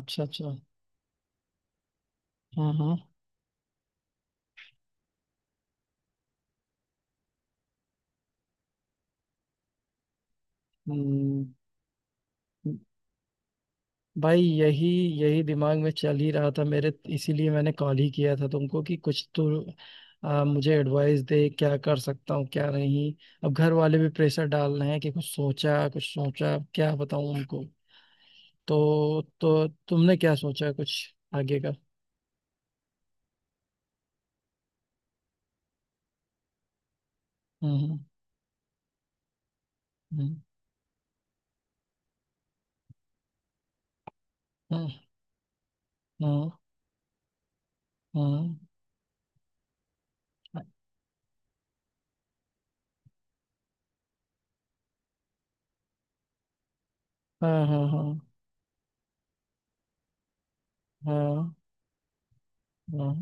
अच्छा अच्छा। हाँ हाँ। हम्म। भाई, यही यही दिमाग में चल ही रहा था मेरे, इसीलिए मैंने कॉल ही किया था तुमको कि कुछ तो मुझे एडवाइस दे, क्या कर सकता हूँ क्या नहीं। अब घर वाले भी प्रेशर डाल रहे हैं कि कुछ सोचा, कुछ सोचा, क्या बताऊँ उनको? तो तुमने क्या सोचा कुछ आगे का? हम्म। हम्म। हम्म। हम्म। हम्म। हम्म। हाँ हाँ हाँ हाँ हाँ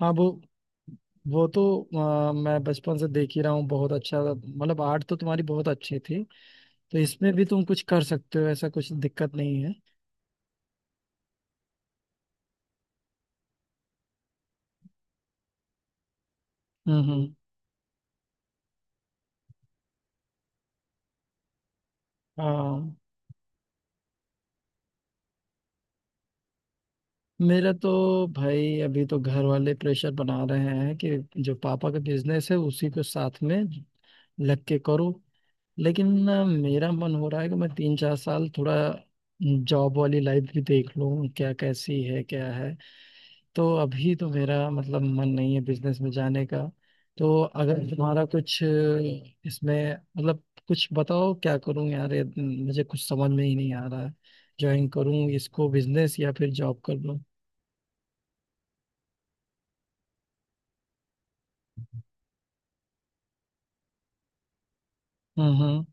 हाँ। वो तो मैं बचपन से देख ही रहा हूँ, बहुत अच्छा, मतलब आर्ट तो तुम्हारी बहुत अच्छी थी। तो इसमें भी तुम कुछ कर सकते हो, ऐसा कुछ दिक्कत नहीं है। हम्म। हम्म। हाँ। मेरा तो भाई अभी तो घर वाले प्रेशर बना रहे हैं कि जो पापा का बिजनेस है उसी को साथ में लग के करो। लेकिन मेरा मन हो रहा है कि मैं 3-4 साल थोड़ा जॉब वाली लाइफ भी देख लूँ, क्या कैसी है क्या है। तो अभी तो मेरा मतलब मन नहीं है बिजनेस में जाने का। तो अगर तुम्हारा कुछ इसमें मतलब कुछ बताओ, क्या करूं यार, ये मुझे कुछ समझ में ही नहीं आ रहा है। ज्वाइन करूं इसको बिजनेस, या फिर जॉब कर लूं? हम्म। हम्म।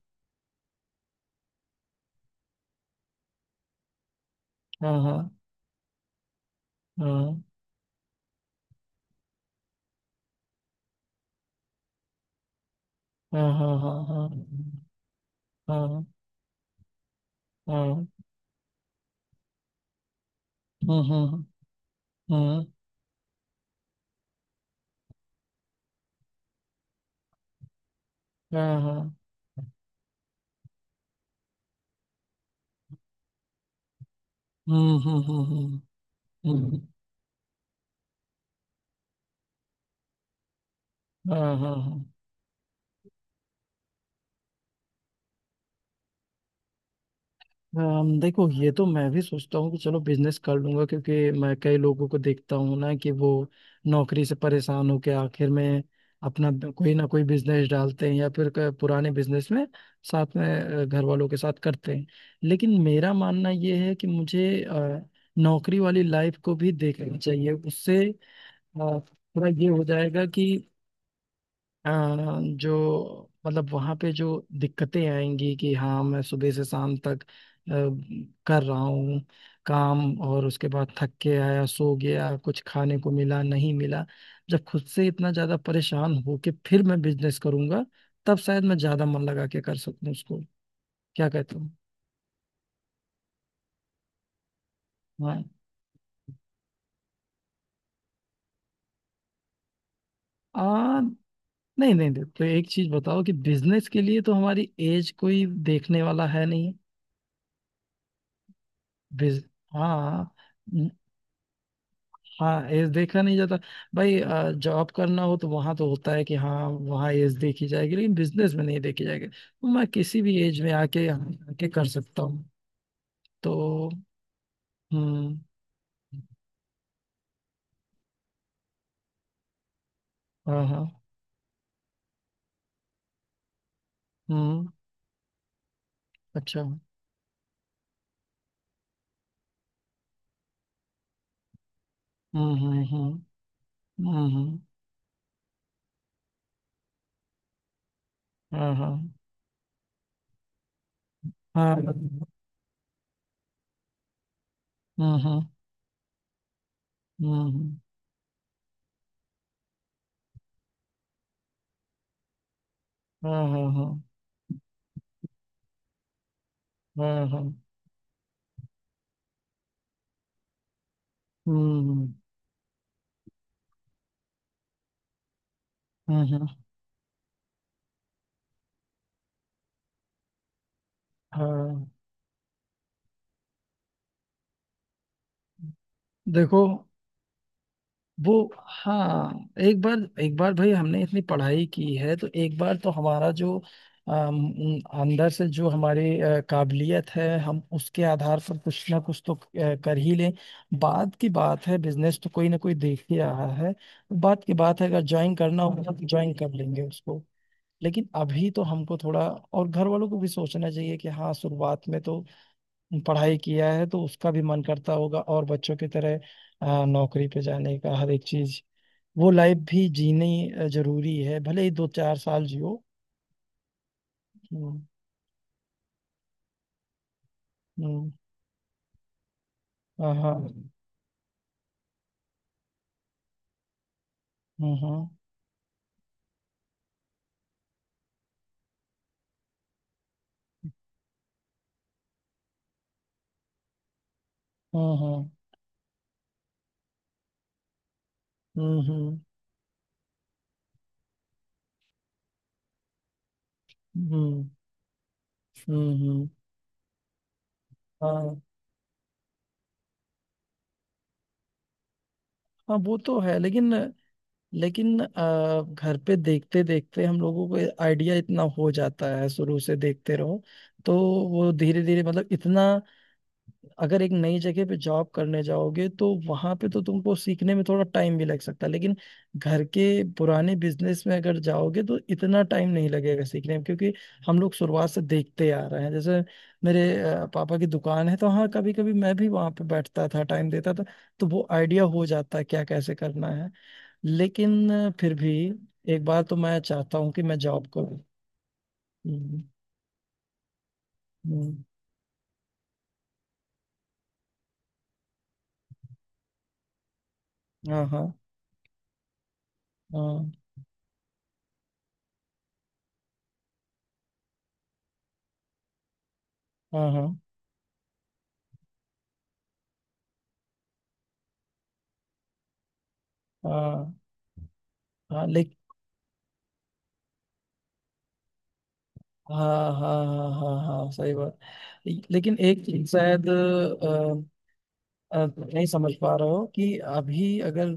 हाँ हाँ हाँ हाँ हाँ हाँ हाँ हाँ हाँ। हम्म। हम्म। हम्म। हाँ हाँ। हम्म। हम्म। हम्म। हम्म। हम्म। हाँ हाँ हाँ। देखो, ये तो मैं भी सोचता हूँ कि चलो बिजनेस कर लूंगा, क्योंकि मैं कई लोगों को देखता हूँ ना कि वो नौकरी से परेशान होकर आखिर में अपना कोई ना कोई बिजनेस डालते हैं, या फिर पुराने बिजनेस में साथ में घर वालों के साथ करते हैं। लेकिन मेरा मानना ये है कि मुझे नौकरी वाली लाइफ को भी देखना चाहिए। उससे अ, थोड़ा ये हो जाएगा, अ, जो मतलब वहाँ पे जो दिक्कतें आएंगी कि हाँ मैं सुबह से शाम तक कर रहा हूँ काम, और उसके बाद थक के आया, सो गया, कुछ खाने को मिला नहीं मिला। जब खुद से इतना ज़्यादा परेशान हो के फिर मैं बिजनेस करूँगा, तब शायद मैं ज़्यादा मन लगा के कर सकूँ उसको। क्या कहते हो? हाँ। आ, नहीं नहीं नहीं, तो एक चीज़ बताओ कि बिजनेस के लिए तो हमारी एज कोई देखने वाला है नहीं। बिज हाँ। हाँ एज देखा नहीं जाता भाई, जॉब करना हो तो वहां तो होता है कि हाँ वहाँ एज देखी जाएगी, लेकिन बिजनेस में नहीं देखी जाएगी, तो मैं किसी भी एज में आके यहाँ आके कर सकता हूँ। तो। हम्म। हाँ हाँ। हम्म। अच्छा। हम्म। हम्म। हम्म। हम्म। हम्म। हाँ हाँ हाँ। हम्म। हम्म। हम्म। हाँ हाँ हाँ हाँ हाँ। हम्म। हम्म। हाँ हाँ। देखो वो। हाँ, एक बार भाई हमने इतनी पढ़ाई की है तो एक बार तो हमारा जो अंदर से जो हमारी काबिलियत है, हम उसके आधार पर कुछ ना कुछ तो कर ही लें। बाद की बात है, बिजनेस तो कोई ना कोई देख ही रहा है। बाद की बात है, अगर ज्वाइन करना होगा तो ज्वाइन कर लेंगे उसको। लेकिन अभी तो हमको थोड़ा, और घर वालों को भी सोचना चाहिए कि हाँ शुरुआत में तो पढ़ाई किया है, तो उसका भी मन करता होगा, और बच्चों की तरह नौकरी पे जाने का हर एक चीज, वो लाइफ भी जीनी जरूरी है, भले ही 2-4 साल जियो। हम्म। हम्म। हाँ हाँ। हम्म। हम्म। हम्म। हम्म। हम्म। हम्म। हम्म। हम्म। हाँ हाँ। वो तो है, लेकिन लेकिन घर पे देखते देखते हम लोगों को आइडिया इतना हो जाता है, शुरू से देखते रहो तो वो धीरे धीरे मतलब इतना, अगर एक नई जगह पे जॉब करने जाओगे तो वहां पे तो तुमको सीखने में थोड़ा टाइम भी लग सकता है, लेकिन घर के पुराने बिजनेस में अगर जाओगे तो इतना टाइम नहीं लगेगा सीखने में, क्योंकि हम लोग शुरुआत से देखते आ रहे हैं। जैसे मेरे पापा की दुकान है तो हाँ कभी कभी मैं भी वहां पे बैठता था, टाइम देता था, तो वो आइडिया हो जाता है क्या कैसे करना है। लेकिन फिर भी एक बार तो मैं चाहता हूँ कि मैं जॉब करूँ। हम्म। हम्म। हाँ हाँ हाँ हाँ हाँ हाँ हाँ, लेकिन। हाँ हाँ हाँ हाँ हाँ, सही बात। लेकिन एक चीज शायद अ, नहीं समझ पा रहे हो कि अभी अगर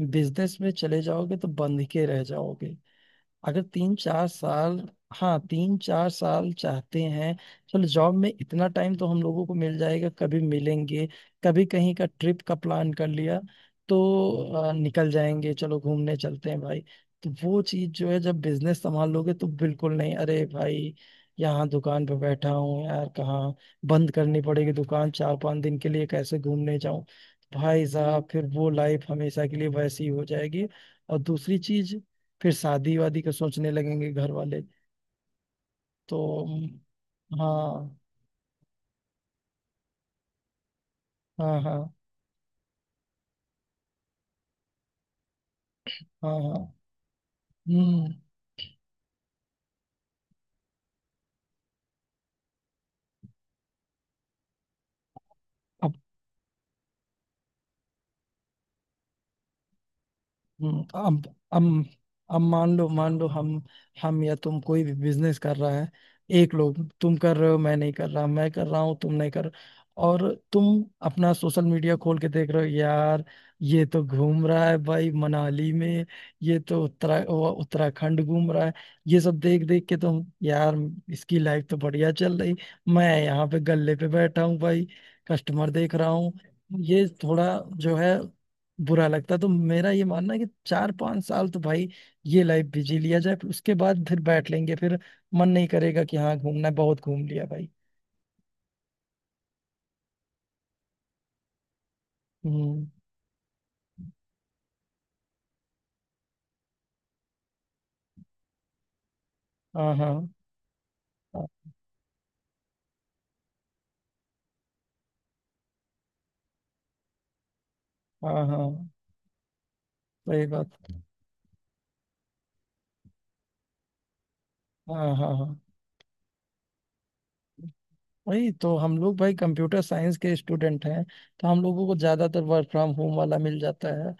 बिजनेस में चले जाओगे तो बंध के रह जाओगे, अगर 3-4 साल। हाँ, 3-4 साल चाहते हैं। चलो, जॉब में इतना टाइम तो हम लोगों को मिल जाएगा, कभी मिलेंगे, कभी कहीं का ट्रिप का प्लान कर लिया तो निकल जाएंगे, चलो घूमने चलते हैं भाई। तो वो चीज जो है, जब बिजनेस संभाल लोगे तो बिल्कुल नहीं। अरे भाई, यहाँ दुकान पे बैठा हूँ यार, कहाँ? बंद करनी पड़ेगी दुकान 4-5 दिन के लिए, कैसे घूमने जाऊं? भाई साहब, फिर वो लाइफ हमेशा के लिए वैसी हो जाएगी। और दूसरी चीज, फिर शादी वादी का सोचने लगेंगे घर वाले। तो। हाँ हाँ हाँ हाँ हाँ। हम्म। हम्म। अब मान लो, मान लो हम या तुम कोई भी बिजनेस कर रहा है। एक लोग तुम कर रहे हो मैं नहीं कर रहा, मैं कर रहा हूँ तुम नहीं कर। और तुम अपना सोशल मीडिया खोल के देख रहे हो यार, ये तो घूम रहा है भाई मनाली में, ये तो उत्तरा वो उत्तराखंड घूम रहा है, ये सब देख देख के तुम यार, इसकी लाइफ तो बढ़िया चल रही, मैं यहाँ पे गल्ले पे बैठा हूँ भाई, कस्टमर देख रहा हूँ, ये थोड़ा जो है बुरा लगता। तो मेरा ये मानना है कि 4-5 साल तो भाई ये लाइफ बिजी लिया जाए, फिर उसके बाद फिर बैठ लेंगे, फिर मन नहीं करेगा कि हाँ घूमना है, बहुत घूम लिया भाई। हम्म। हाँ हाँ हाँ हाँ हाँ, सही बात। हाँ हाँ हाँ। वही तो, हम लोग भाई कंप्यूटर साइंस के स्टूडेंट हैं, तो हम लोगों को ज्यादातर वर्क फ्रॉम होम वाला मिल जाता है।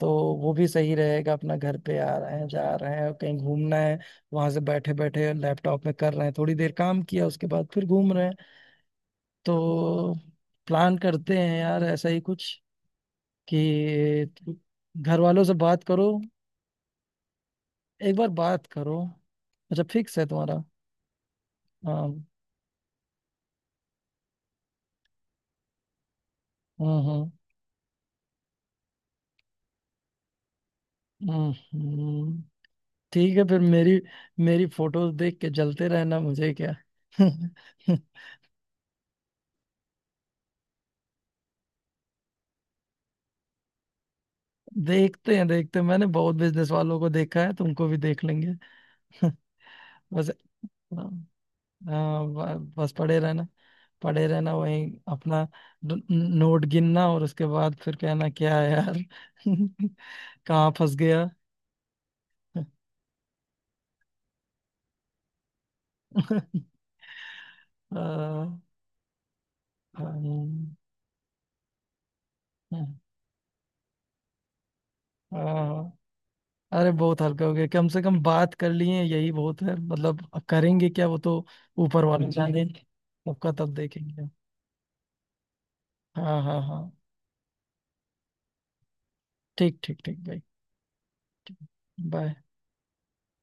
तो वो भी सही रहेगा, अपना घर पे आ रहे हैं जा रहे हैं, कहीं घूमना है वहां से बैठे बैठे लैपटॉप में कर रहे हैं, थोड़ी देर काम किया उसके बाद फिर घूम रहे हैं। तो प्लान करते हैं यार ऐसा ही कुछ, कि घर वालों से बात करो, एक बार बात करो। अच्छा, फिक्स है तुम्हारा। हाँ। हम्म। हम्म। हम्म। हम्म। ठीक है फिर, मेरी मेरी फोटोज देख के जलते रहना, मुझे क्या। देखते हैं देखते हैं, मैंने बहुत बिजनेस वालों को देखा है, तुमको भी देख लेंगे। बस। हाँ। हाँ बस पड़े रहना, पड़े रहना वहीं अपना, नोट गिनना, और उसके बाद फिर कहना, क्या है यार कहाँ फंस गया। हाँ, हाँ, हाँ। अरे बहुत हल्का हो गया, कम से कम बात कर लिए, यही बहुत है, मतलब अब करेंगे क्या, वो तो ऊपर वाले जाने, सबका तब देखेंगे। हाँ हाँ हाँ। ठीक ठीक ठीक भाई। ठीक। बाय।